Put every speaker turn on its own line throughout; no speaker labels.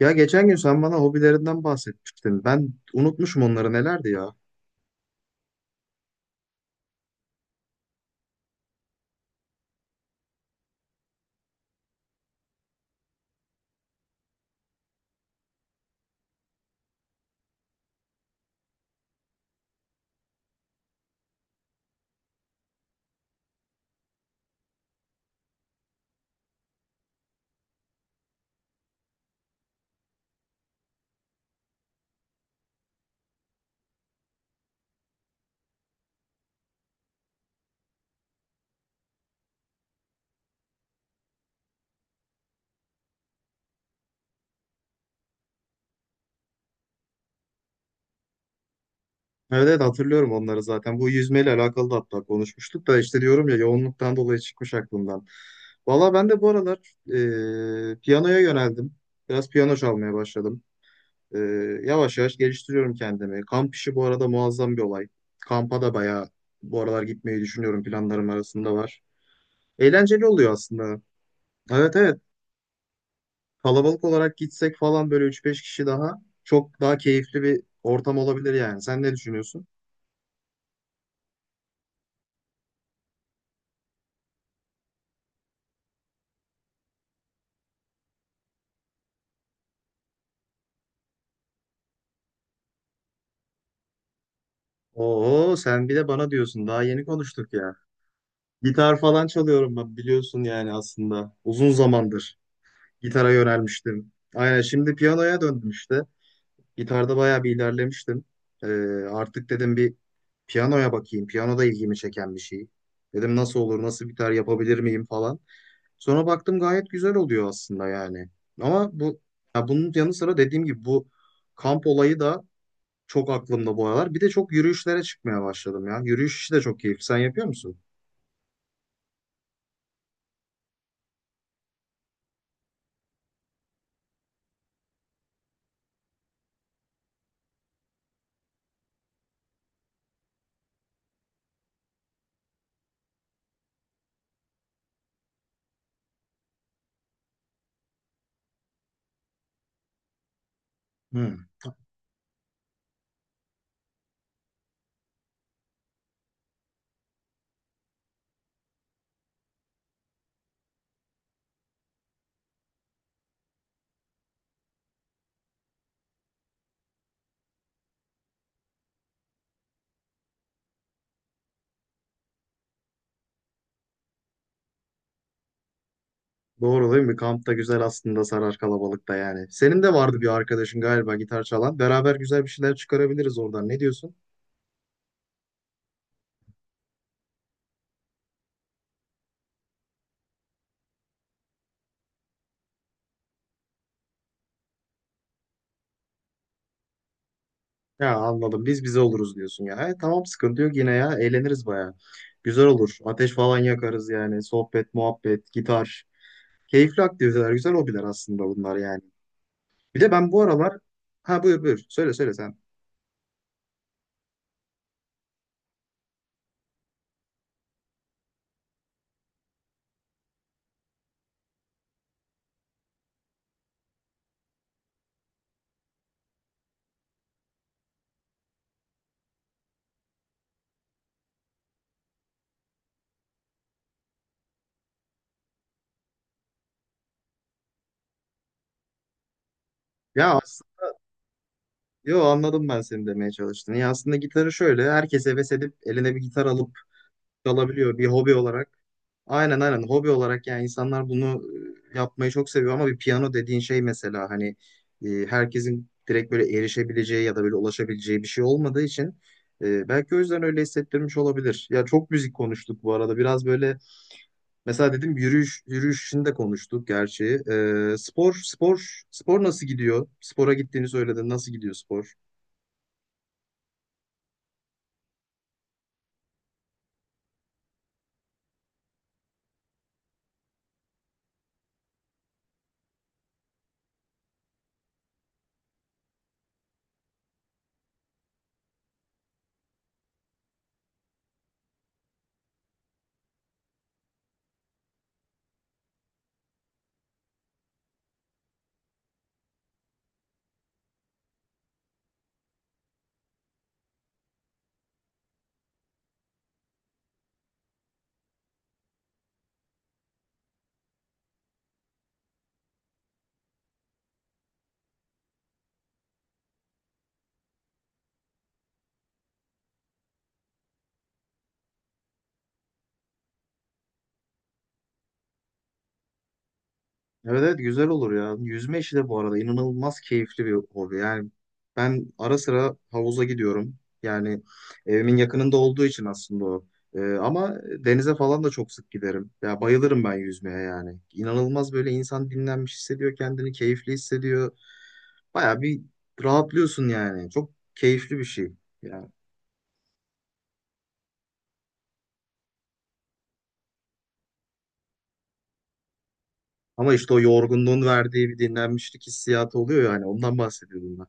Ya geçen gün sen bana hobilerinden bahsetmiştin. Ben unutmuşum onları nelerdi ya. Evet evet, hatırlıyorum onları zaten. Bu yüzmeyle alakalı da hatta konuşmuştuk da işte diyorum ya, yoğunluktan dolayı çıkmış aklımdan. Valla ben de bu aralar piyanoya yöneldim. Biraz piyano çalmaya başladım. E, yavaş yavaş geliştiriyorum kendimi. Kamp işi bu arada muazzam bir olay. Kampa da bayağı bu aralar gitmeyi düşünüyorum, planlarım arasında var. Eğlenceli oluyor aslında. Evet, evet. Kalabalık olarak gitsek falan, böyle üç beş kişi, daha çok daha keyifli bir ortam olabilir yani. Sen ne düşünüyorsun? Oo, sen bir de bana diyorsun. Daha yeni konuştuk ya. Gitar falan çalıyorum ben, biliyorsun yani aslında. Uzun zamandır gitara yönelmiştim. Aynen, şimdi piyanoya döndüm işte. Gitarda bayağı bir ilerlemiştim. Ee, artık dedim bir piyanoya bakayım. Piyano da ilgimi çeken bir şey. Dedim nasıl olur, nasıl gitar yapabilir miyim falan. Sonra baktım gayet güzel oluyor aslında yani. Ama bu, ya bunun yanı sıra dediğim gibi bu kamp olayı da çok aklımda bu aralar. Bir de çok yürüyüşlere çıkmaya başladım ya. Yürüyüş işi de çok keyifli. Sen yapıyor musun? Hı. Doğru değil mi? Kamp da güzel aslında, sarar kalabalıkta yani. Senin de vardı bir arkadaşın galiba, gitar çalan. Beraber güzel bir şeyler çıkarabiliriz oradan. Ne diyorsun? Ya anladım. Biz bize oluruz diyorsun ya. E, tamam, sıkıntı yok yine ya. Eğleniriz bayağı. Güzel olur. Ateş falan yakarız yani. Sohbet, muhabbet, gitar. Keyifli aktiviteler, güzel hobiler aslında bunlar yani. Bir de ben bu aralar... Ha, buyur buyur. Söyle söyle sen. Ya aslında... Yo, anladım ben seni, demeye çalıştığını. Ya aslında gitarı şöyle, herkes heves edip eline bir gitar alıp çalabiliyor bir hobi olarak. Aynen aynen, hobi olarak yani insanlar bunu yapmayı çok seviyor ama bir piyano dediğin şey mesela, hani herkesin direkt böyle erişebileceği ya da böyle ulaşabileceği bir şey olmadığı için belki o yüzden öyle hissettirmiş olabilir. Ya çok müzik konuştuk bu arada, biraz böyle. Mesela dedim yürüyüş, yürüyüşünü de konuştuk gerçi. Spor spor nasıl gidiyor? Spora gittiğini söyledin. Nasıl gidiyor spor? Evet evet, güzel olur ya. Yüzme işi de bu arada inanılmaz keyifli bir hobi. Yani ben ara sıra havuza gidiyorum. Yani evimin yakınında olduğu için aslında o. Ama denize falan da çok sık giderim. Ya bayılırım ben yüzmeye yani. İnanılmaz, böyle insan dinlenmiş hissediyor kendini, keyifli hissediyor. Baya bir rahatlıyorsun yani. Çok keyifli bir şey. Yani. Ama işte o yorgunluğun verdiği bir dinlenmişlik hissiyatı oluyor yani. Ondan bahsediyordum ben.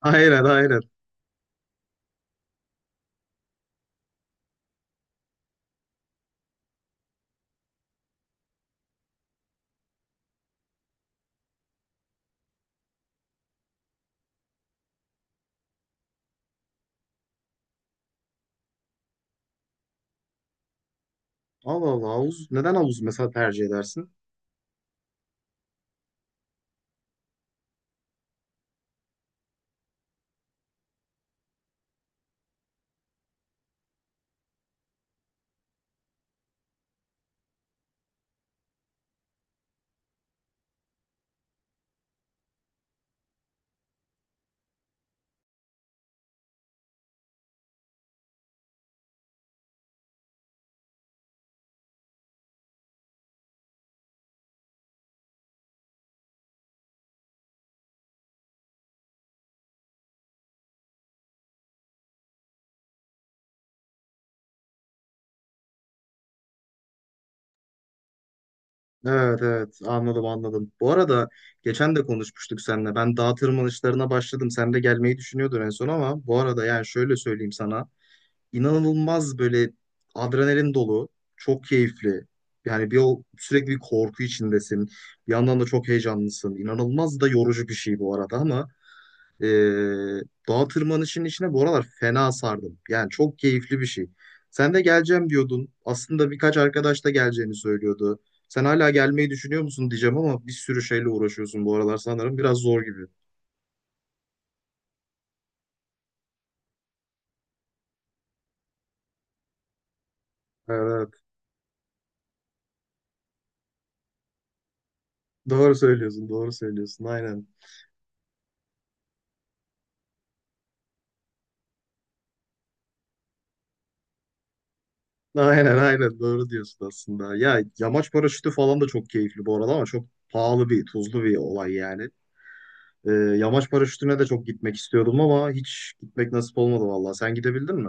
Aynen aynen. Allah Allah, havuz. Neden havuz mesela tercih edersin? Evet evet, anladım anladım. Bu arada geçen de konuşmuştuk seninle. Ben dağ tırmanışlarına başladım. Sen de gelmeyi düşünüyordun en son, ama bu arada yani şöyle söyleyeyim sana. İnanılmaz böyle adrenalin dolu. Çok keyifli. Yani bir, o sürekli bir korku içindesin. Bir yandan da çok heyecanlısın. İnanılmaz da yorucu bir şey bu arada, ama Ee, dağ tırmanışının içine bu aralar fena sardım. Yani çok keyifli bir şey. Sen de geleceğim diyordun. Aslında birkaç arkadaş da geleceğini söylüyordu. Sen hala gelmeyi düşünüyor musun diyeceğim, ama bir sürü şeyle uğraşıyorsun bu aralar sanırım. Biraz zor gibi. Evet. Doğru söylüyorsun, doğru söylüyorsun. Aynen. Aynen aynen. Doğru diyorsun aslında. Ya yamaç paraşütü falan da çok keyifli bu arada, ama çok pahalı bir, tuzlu bir olay yani. Yamaç paraşütüne de çok gitmek istiyordum ama hiç gitmek nasip olmadı vallahi. Sen gidebildin mi?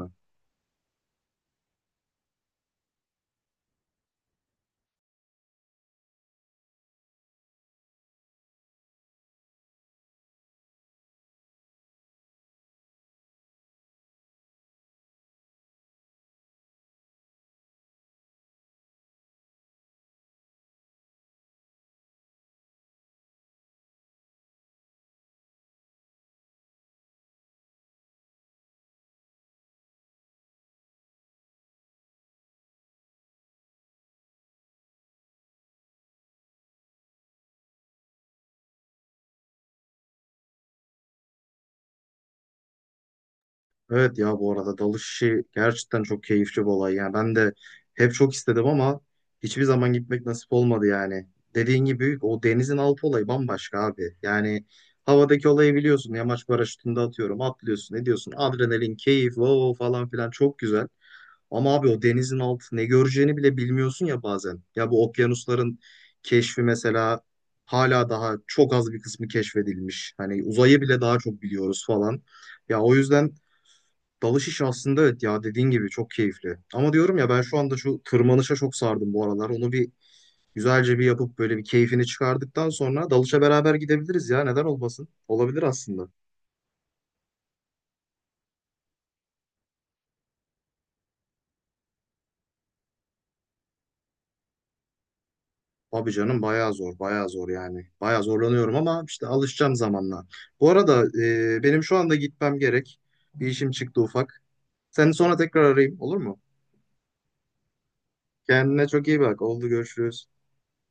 Evet ya, bu arada dalış işi gerçekten çok keyifli bir olay. Yani ben de hep çok istedim ama hiçbir zaman gitmek nasip olmadı yani. Dediğin gibi, büyük, o denizin altı olayı bambaşka abi. Yani havadaki olayı biliyorsun. Yamaç paraşütünde atıyorum, atlıyorsun, ediyorsun. Adrenalin, keyif, wow wow falan filan, çok güzel. Ama abi, o denizin altı ne göreceğini bile bilmiyorsun ya bazen. Ya bu okyanusların keşfi mesela, hala daha çok az bir kısmı keşfedilmiş. Hani uzayı bile daha çok biliyoruz falan. Ya o yüzden dalış işi aslında, evet ya dediğin gibi çok keyifli. Ama diyorum ya, ben şu anda şu tırmanışa çok sardım bu aralar. Onu bir güzelce bir yapıp böyle bir keyfini çıkardıktan sonra dalışa beraber gidebiliriz ya, neden olmasın? Olabilir aslında. Abi canım, bayağı zor bayağı zor yani. Bayağı zorlanıyorum ama işte alışacağım zamanla. Bu arada benim şu anda gitmem gerek. Bir işim çıktı ufak. Seni sonra tekrar arayayım, olur mu? Kendine çok iyi bak. Oldu, görüşürüz.